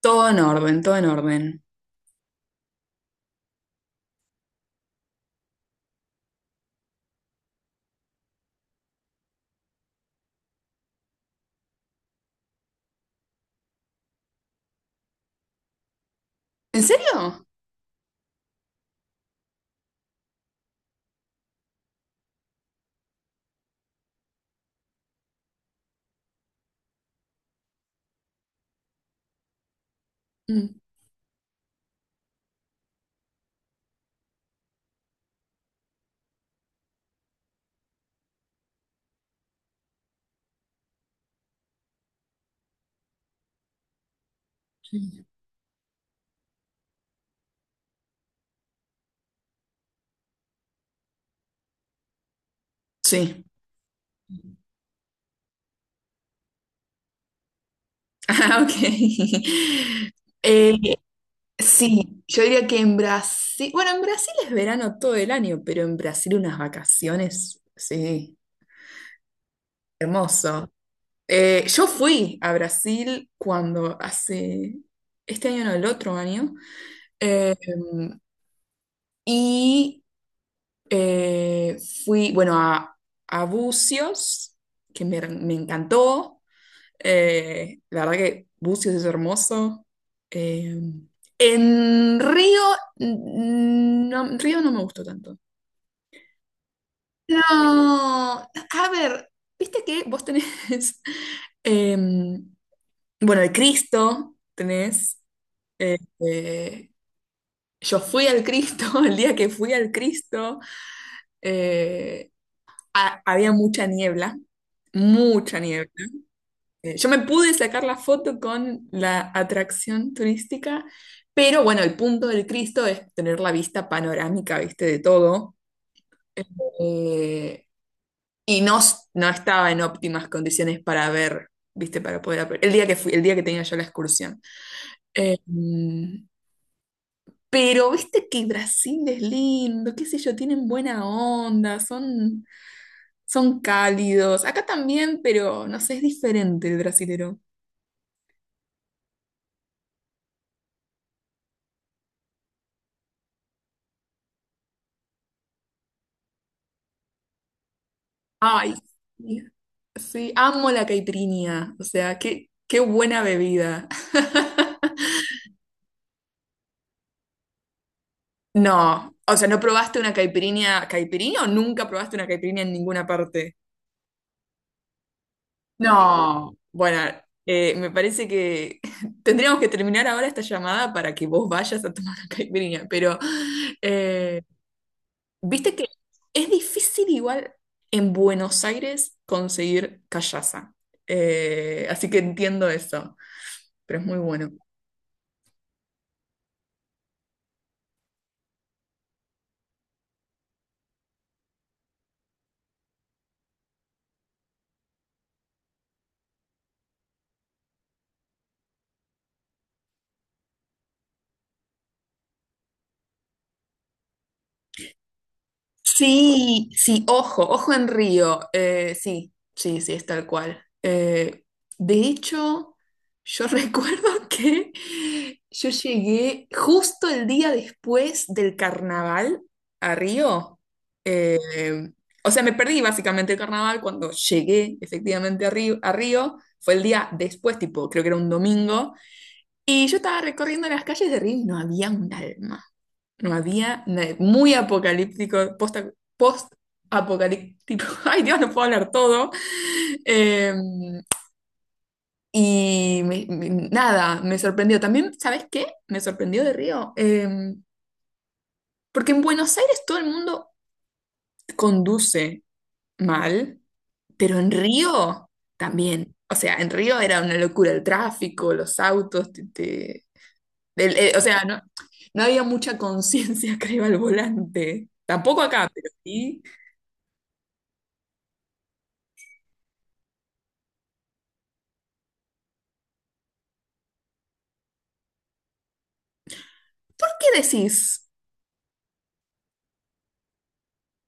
Todo en orden, todo en orden. ¿En serio? Mm. Sí. Sí. Ah, ok. Eh, sí, yo diría que en Brasil, bueno, en Brasil es verano todo el año, pero en Brasil unas vacaciones, sí, hermoso. Yo fui a Brasil este año no, el otro año, eh, y eh, fui, bueno, a Búzios, que me encantó. La verdad que Bucios es hermoso. Eh, en Río, no, Río no me gustó tanto. No, a ver, viste que vos tenés, em, bueno, el Cristo tenés. eh, eh, yo fui al Cristo. El día que fui al Cristo, eh, había mucha niebla, mucha niebla. Yo me pude sacar la foto con la atracción turística, pero bueno, el punto del Cristo es tener la vista panorámica, viste, de todo. Eh, y no, no estaba en óptimas condiciones para ver, viste, para poder el día que fui, el día que tenía yo la excursión. Eh, mm, pero viste que Brasil es lindo, qué sé yo, tienen buena onda, son, son cálidos. Acá también, pero no sé, es diferente el brasilero. Ay, sí, sí, amo la caipirinha. O sea, qué buena bebida. No, o sea, ¿no probaste una caipirinha o nunca probaste una caipirinha en ninguna parte? No, bueno, me parece que tendríamos que terminar ahora esta llamada para que vos vayas a tomar una caipirinha, pero eh, viste que es difícil igual en Buenos Aires conseguir callaza. Así que entiendo eso, pero es muy bueno. Sí, sí, ojo, ojo en Río. Sí, sí, sí, es tal cual. De hecho, yo recuerdo que yo llegué justo el día después del carnaval a Río. Eh, o sea, me perdí básicamente el carnaval cuando llegué efectivamente a Río, a Río. Fue el día después, tipo, creo que era un domingo. Y yo estaba recorriendo las calles de Río y no había un alma. No había muy apocalíptico, post-apocalíptico. Ay, Dios, no puedo hablar todo. Eh, y nada, me sorprendió. También, ¿sabes qué? Me sorprendió de Río. Porque en Buenos Aires todo el mundo conduce mal, pero en Río también. O sea, en Río era una locura el tráfico, los autos, o sea, no, no había mucha conciencia, creo, al volante. Tampoco acá, pero sí. ¿Qué decís?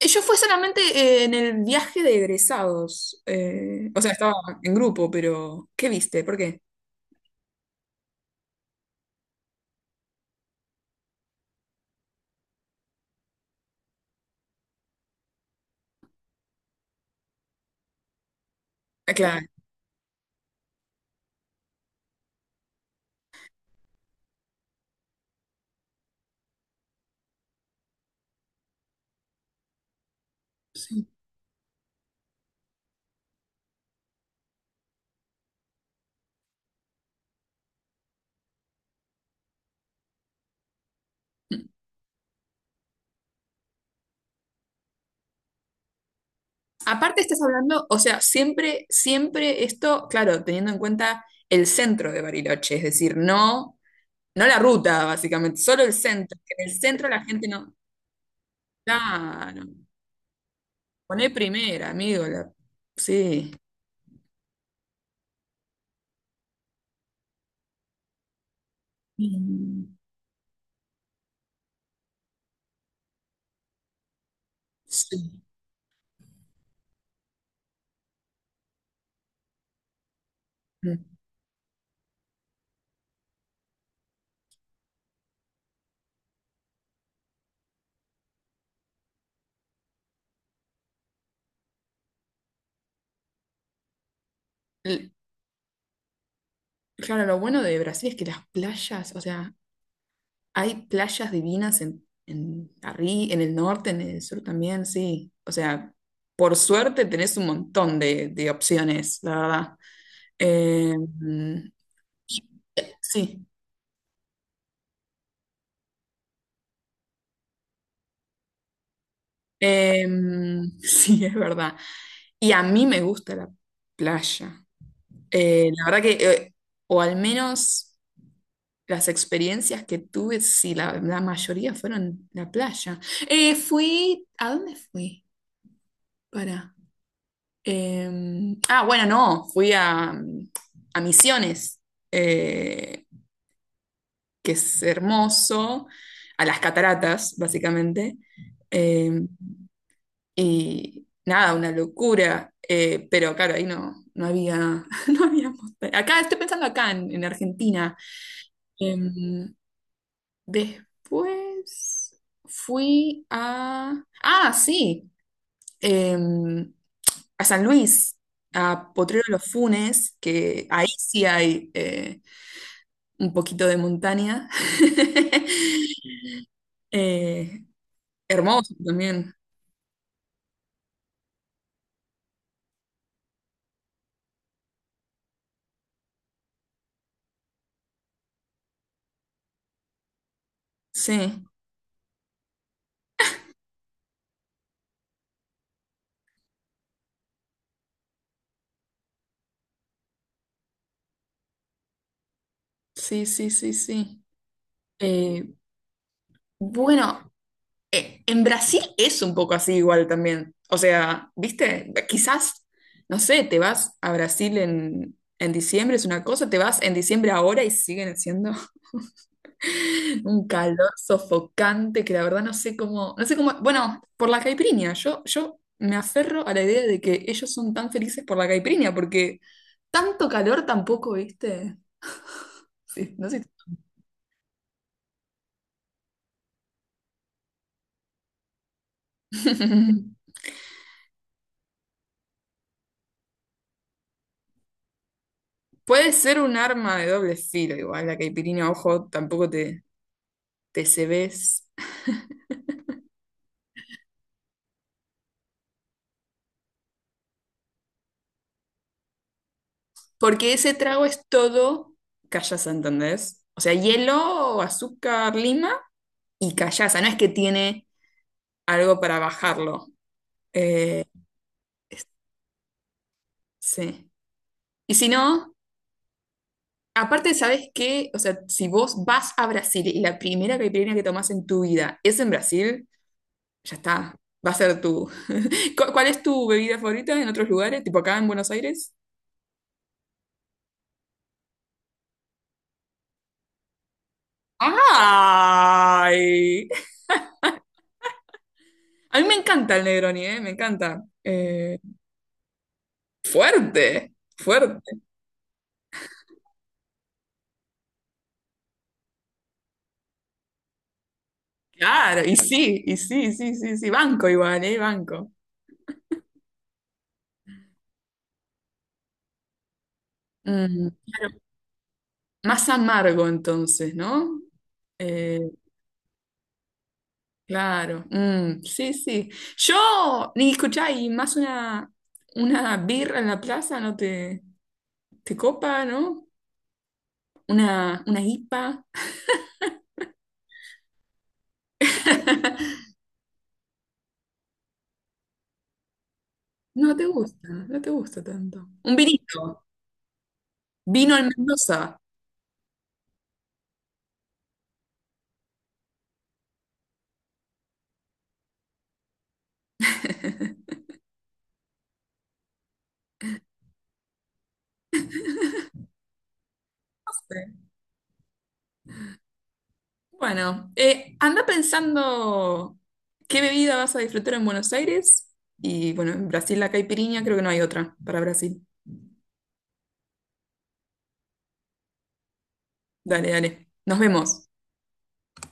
Yo fue solamente en el viaje de egresados. Eh, o sea, estaba en grupo, pero ¿qué viste? ¿Por qué? Ah, claro. Aparte estás hablando, o sea, siempre, siempre esto, claro, teniendo en cuenta el centro de Bariloche, es decir, no, no la ruta, básicamente, solo el centro. Que en el centro la gente no. Claro. Poné primera, amigo. Sí. Mm, Sí. Mm. L- Claro, lo bueno de Brasil es que las playas, o sea, hay playas divinas en, en el norte, en el sur también, sí. O sea, por suerte tenés un montón de opciones, la verdad. Eh, y- sí, eh, sí, es verdad. Y a mí me gusta la playa. La verdad que, o al menos las experiencias que tuve, sí, la mayoría fueron la playa. Fui, ¿a dónde fui? Para. Ah, bueno, no, fui a Misiones, eh, que es hermoso, a las cataratas, básicamente. Em, y nada, una locura. Pero claro, ahí no, no había, no había montaña. Acá, estoy pensando acá en Argentina. Em, Después fui a... Ah, sí. em, a San Luis, a Potrero de los Funes, que ahí sí hay un poquito de montaña. Eh, hermoso también. Sí, sí, sí, sí, sí. Eh, bueno, en Brasil es un poco así igual también. O sea, ¿viste? Quizás, no sé, te vas a Brasil en diciembre, es una cosa, te vas en diciembre ahora y siguen siendo un calor sofocante que la verdad no sé cómo, no sé cómo, bueno, por la caipirinha, yo me aferro a la idea de que ellos son tan felices por la caipirinha, porque tanto calor tampoco, ¿viste? Sí, no sé. Puede ser un arma de doble filo, igual la caipirinha, ojo, tampoco te, TCBs, porque ese trago es todo callaza, ¿entendés? O sea, hielo, azúcar, lima y callaza, no es que tiene algo para bajarlo. Eh, es- sí. Y si no, aparte, ¿sabes qué? O sea, si vos vas a Brasil y la primera caipirinha que tomás en tu vida es en Brasil, ya está. Va a ser tu. ¿Cuál es tu bebida favorita en otros lugares? Tipo acá en Buenos Aires. ¡Ay! A mí me encanta el Negroni, ¿eh? Me encanta. Fuerte, fuerte. Claro, y sí, sí, sí, sí, banco igual, ¿eh? Banco. Mm, claro. Más amargo entonces, ¿no? Eh, claro, mm, sí, sí. Yo, ni escuchá, y más una birra en la plaza no te, te copa, ¿no? Una IPA. No te gusta, no te gusta tanto. Un vinito, vino en Mendoza. Bueno, anda pensando qué bebida vas a disfrutar en Buenos Aires. Y bueno, en Brasil la caipirinha, creo que no hay otra para Brasil. Dale, dale. Nos vemos.